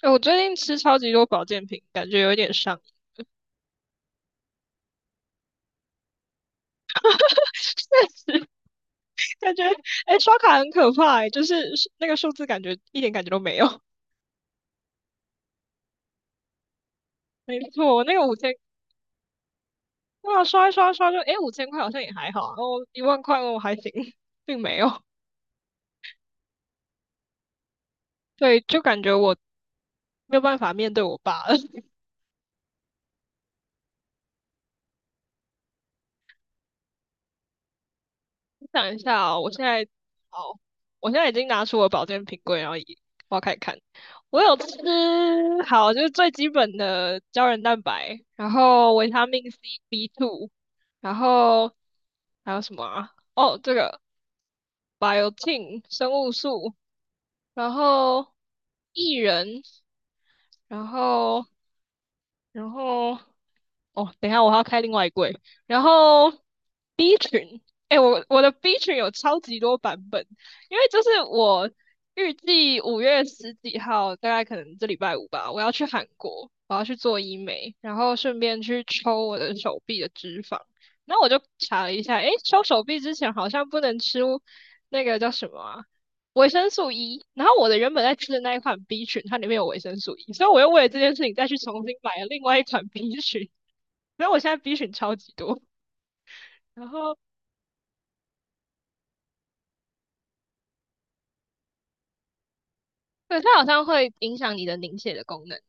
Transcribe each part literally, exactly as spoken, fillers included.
哎、我最近吃超级多保健品，感觉有一点上瘾，确实感觉哎、刷卡很可怕哎、诶就是那个数字感觉一点感觉都没有。没错，我那个五千，哇，刷一刷刷就哎五千块好像也还好啊，然后一万块我还行，并没有。对，就感觉我没有办法面对我爸了。想一下啊、我现在好，我现在已经拿出我保健品柜，然后一挖开看。我有吃，好，就是最基本的胶原蛋白，然后维他命 C、B two，然后还有什么啊？哦，这个 biotin 生物素，然后薏仁，然后然后哦，等一下我还要开另外一柜，然后 B 群，哎、我我的 B 群有超级多版本，因为就是我预计五月十几号，大概可能这礼拜五吧，我要去韩国，我要去做医美，然后顺便去抽我的手臂的脂肪。那我就查了一下，哎，抽手臂之前好像不能吃那个叫什么啊，维生素 E。然后我的原本在吃的那一款 B 群，它里面有维生素 E，所以我又为了这件事情再去重新买了另外一款 B 群，所以我现在 B 群超级多。然后对，它好像会影响你的凝血的功能。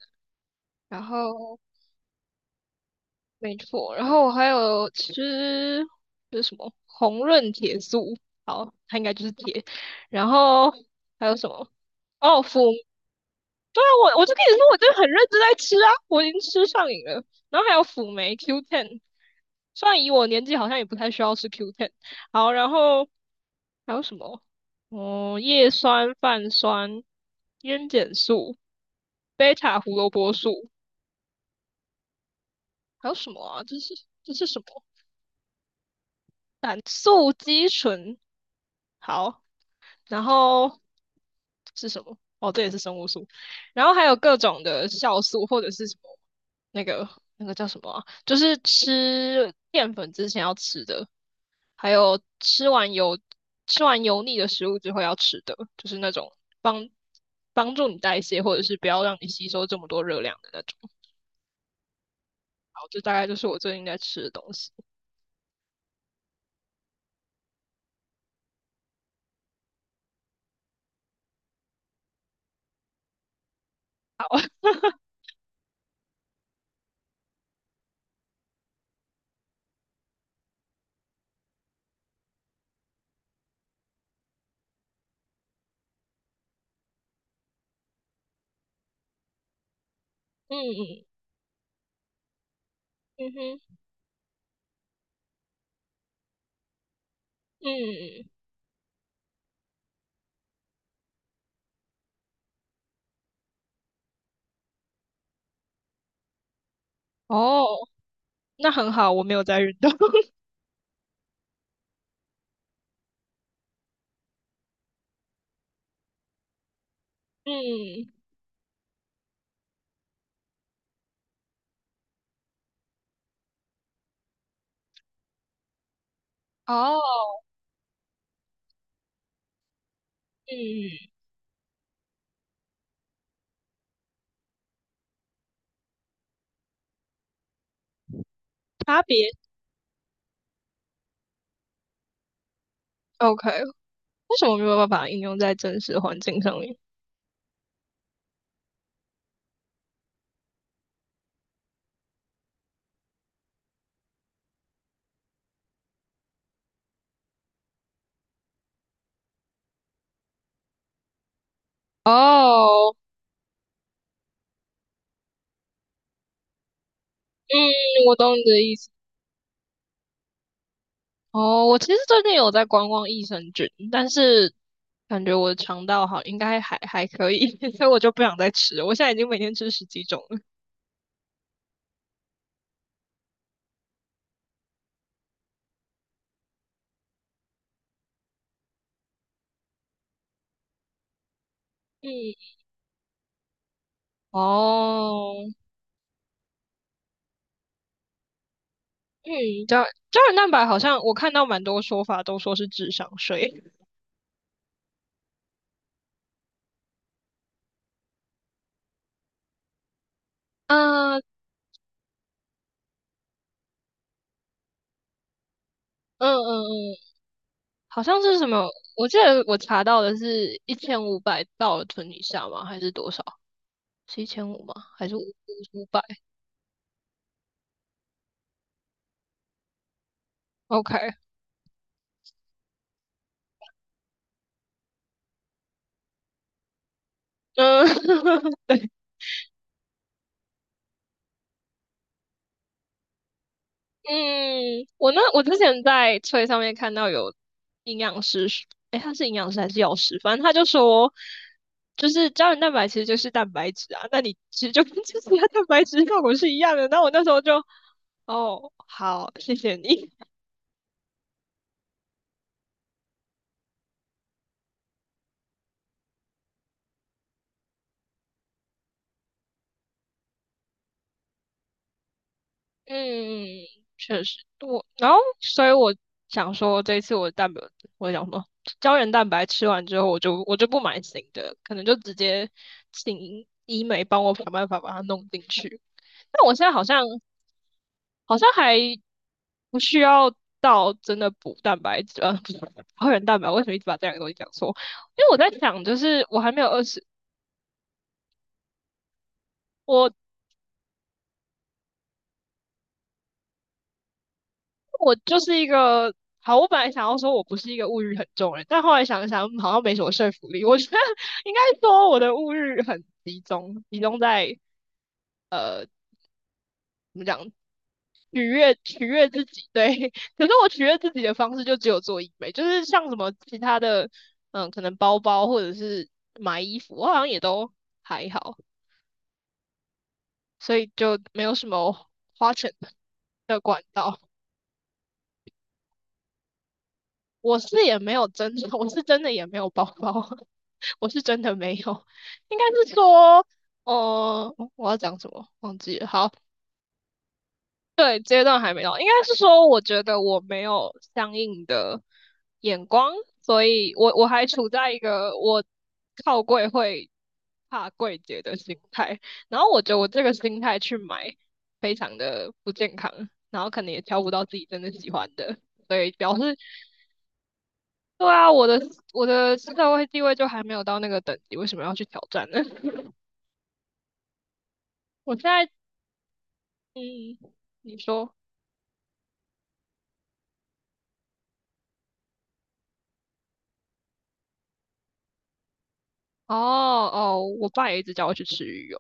然后，没错，然后我还有吃，就是什么红润铁素，好，它应该就是铁。然后还有什么？哦，辅，对啊，我我就跟你说，我真的很认真在吃啊，我已经吃上瘾了。然后还有辅酶 Q ten，虽然以我年纪好像也不太需要吃 Q ten。好，然后还有什么？哦，叶酸、泛酸、烟碱素、贝塔胡萝卜素。还有什么啊？这是这是什么？胆素肌醇。好，然后是什么？哦，这也是生物素。然后还有各种的酵素或者是什么那个那个叫什么啊就是吃淀粉之前要吃的，还有吃完油吃完油腻的食物之后要吃的，就是那种帮帮助你代谢或者是不要让你吸收这么多热量的那种。好，这大概就是我最近在吃的东西。好，嗯嗯嗯哼。嗯，哦，那很好，我没有在运动。嗯，哦，嗯，差别，OK，为什么没有办法应用在真实环境上面？哦，嗯，我懂你的意思。哦，我其实最近有在观望益生菌，但是感觉我的肠道好，应该还还可以，所以我就不想再吃了。我现在已经每天吃十几种了。嗯，哦，嗯，胶胶原蛋白好像我看到蛮多说法都说是智商税。嗯嗯嗯嗯，好像是什么？我记得我查到的是一千五百到存以下吗？还是多少？是一千五吗？还是五五百？OK，嗯 嗯，我那我之前在翠上面看到有营养师，诶，他是营养师还是药师？反正他就说，就是胶原蛋白其实就是蛋白质啊，那你其实就跟 吃其他蛋白质效果是一样的。那我那时候就，哦，好，谢谢你。嗯，确实，我然后所以我想说，这一次我的蛋白，我想说胶原蛋白吃完之后，我就我就不买新的，可能就直接请医美帮我想办法把它弄进去。但我现在好像好像还不需要到真的补蛋白质，呃，不是胶原蛋白，为什么一直把这两个东西讲错？因为我在想，就是我还没有二十，我我就是一个好，我本来想要说我不是一个物欲很重的人，但后来想一想，嗯好像没什么说服力。我觉得应该说我的物欲很集中，集中在呃怎么讲，取悦取悦自己。对，可是我取悦自己的方式就只有做医美，就是像什么其他的，嗯，可能包包或者是买衣服，我好像也都还好，所以就没有什么花钱的管道。我是也没有真的，我是真的也没有包包，我是真的没有，应该是说，呃，我要讲什么忘记了。好，对，阶段还没到，应该是说，我觉得我没有相应的眼光，所以我我还处在一个我靠柜会怕柜姐的心态，然后我觉得我这个心态去买，非常的不健康，然后可能也挑不到自己真的喜欢的。所以表示对啊，我的我的社会地位就还没有到那个等级，为什么要去挑战呢？我现在，嗯，你说，哦哦，我爸也一直叫我去吃鱼油，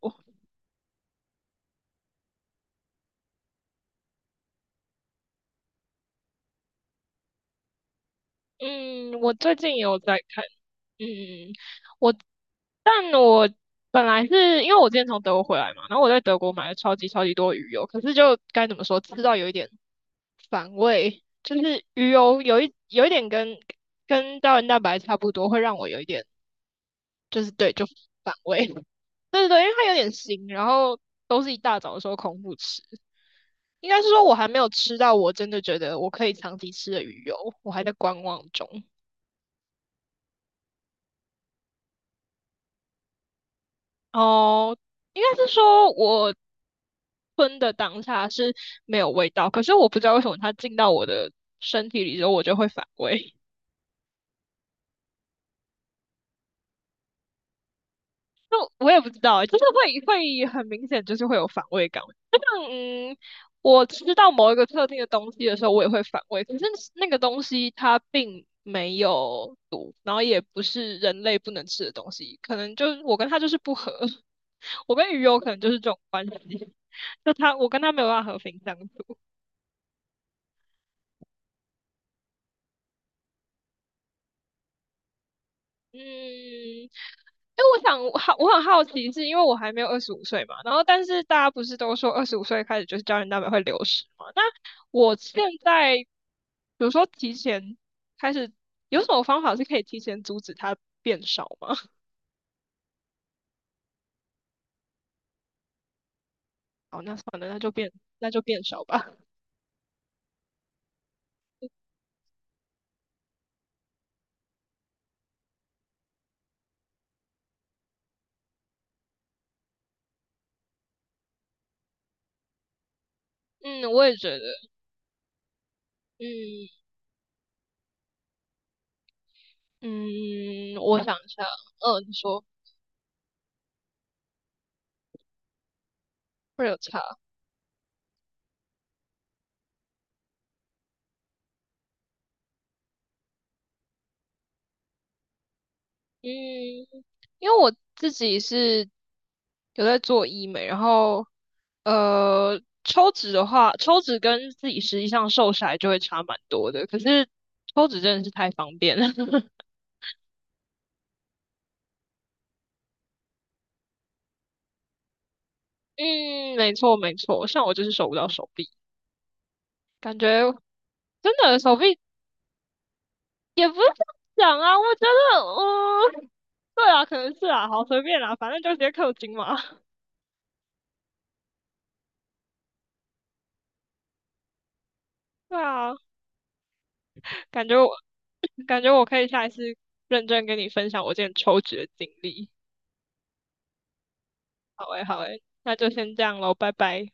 嗯，我最近也有在看，嗯，我，但我本来是因为我之前从德国回来嘛，然后我在德国买了超级超级多鱼油，可是就该怎么说，吃到有一点反胃，就是鱼油有一有一点跟跟胶原蛋白差不多，会让我有一点就是对就反胃。对对对，因为它有点腥，然后都是一大早的时候空腹吃。应该是说我还没有吃到我真的觉得我可以长期吃的鱼油，我还在观望中。哦，应该是说我吞的当下是没有味道，可是我不知道为什么它进到我的身体里之后，我就会反胃。就我也不知道欸就是会会很明显，就是会有反胃感。嗯，我吃到某一个特定的东西的时候，我也会反胃，可是那个东西它并没有毒，然后也不是人类不能吃的东西，可能就是我跟它就是不合，我跟鱼有可能就是这种关系，就它我跟它没有办法和平相处。嗯，哎，我想我好，我很好奇，是因为我还没有二十五岁嘛，然后但是大家不是都说二十五岁开始就是胶原蛋白会流失嘛？那我现在比如说提前开始，有什么方法是可以提前阻止它变少吗？好，那算了，那就变那就变少吧。嗯，我也觉得，嗯嗯，我想一下，嗯，你说会有差，嗯。因为我自己是有在做医美，然后呃，抽脂的话，抽脂跟自己实际上瘦下来就会差蛮多的。可是抽脂真的是太方便了。嗯，没错没错，像我就是瘦不到手臂，感觉真的手臂也不是这样讲啊，我觉得，嗯，对啊，可能是啊，好随便啦，反正就直接氪金嘛。对啊，感觉我感觉我可以下一次认真跟你分享我之前抽脂的经历。好诶，好诶，那就先这样喽，拜拜。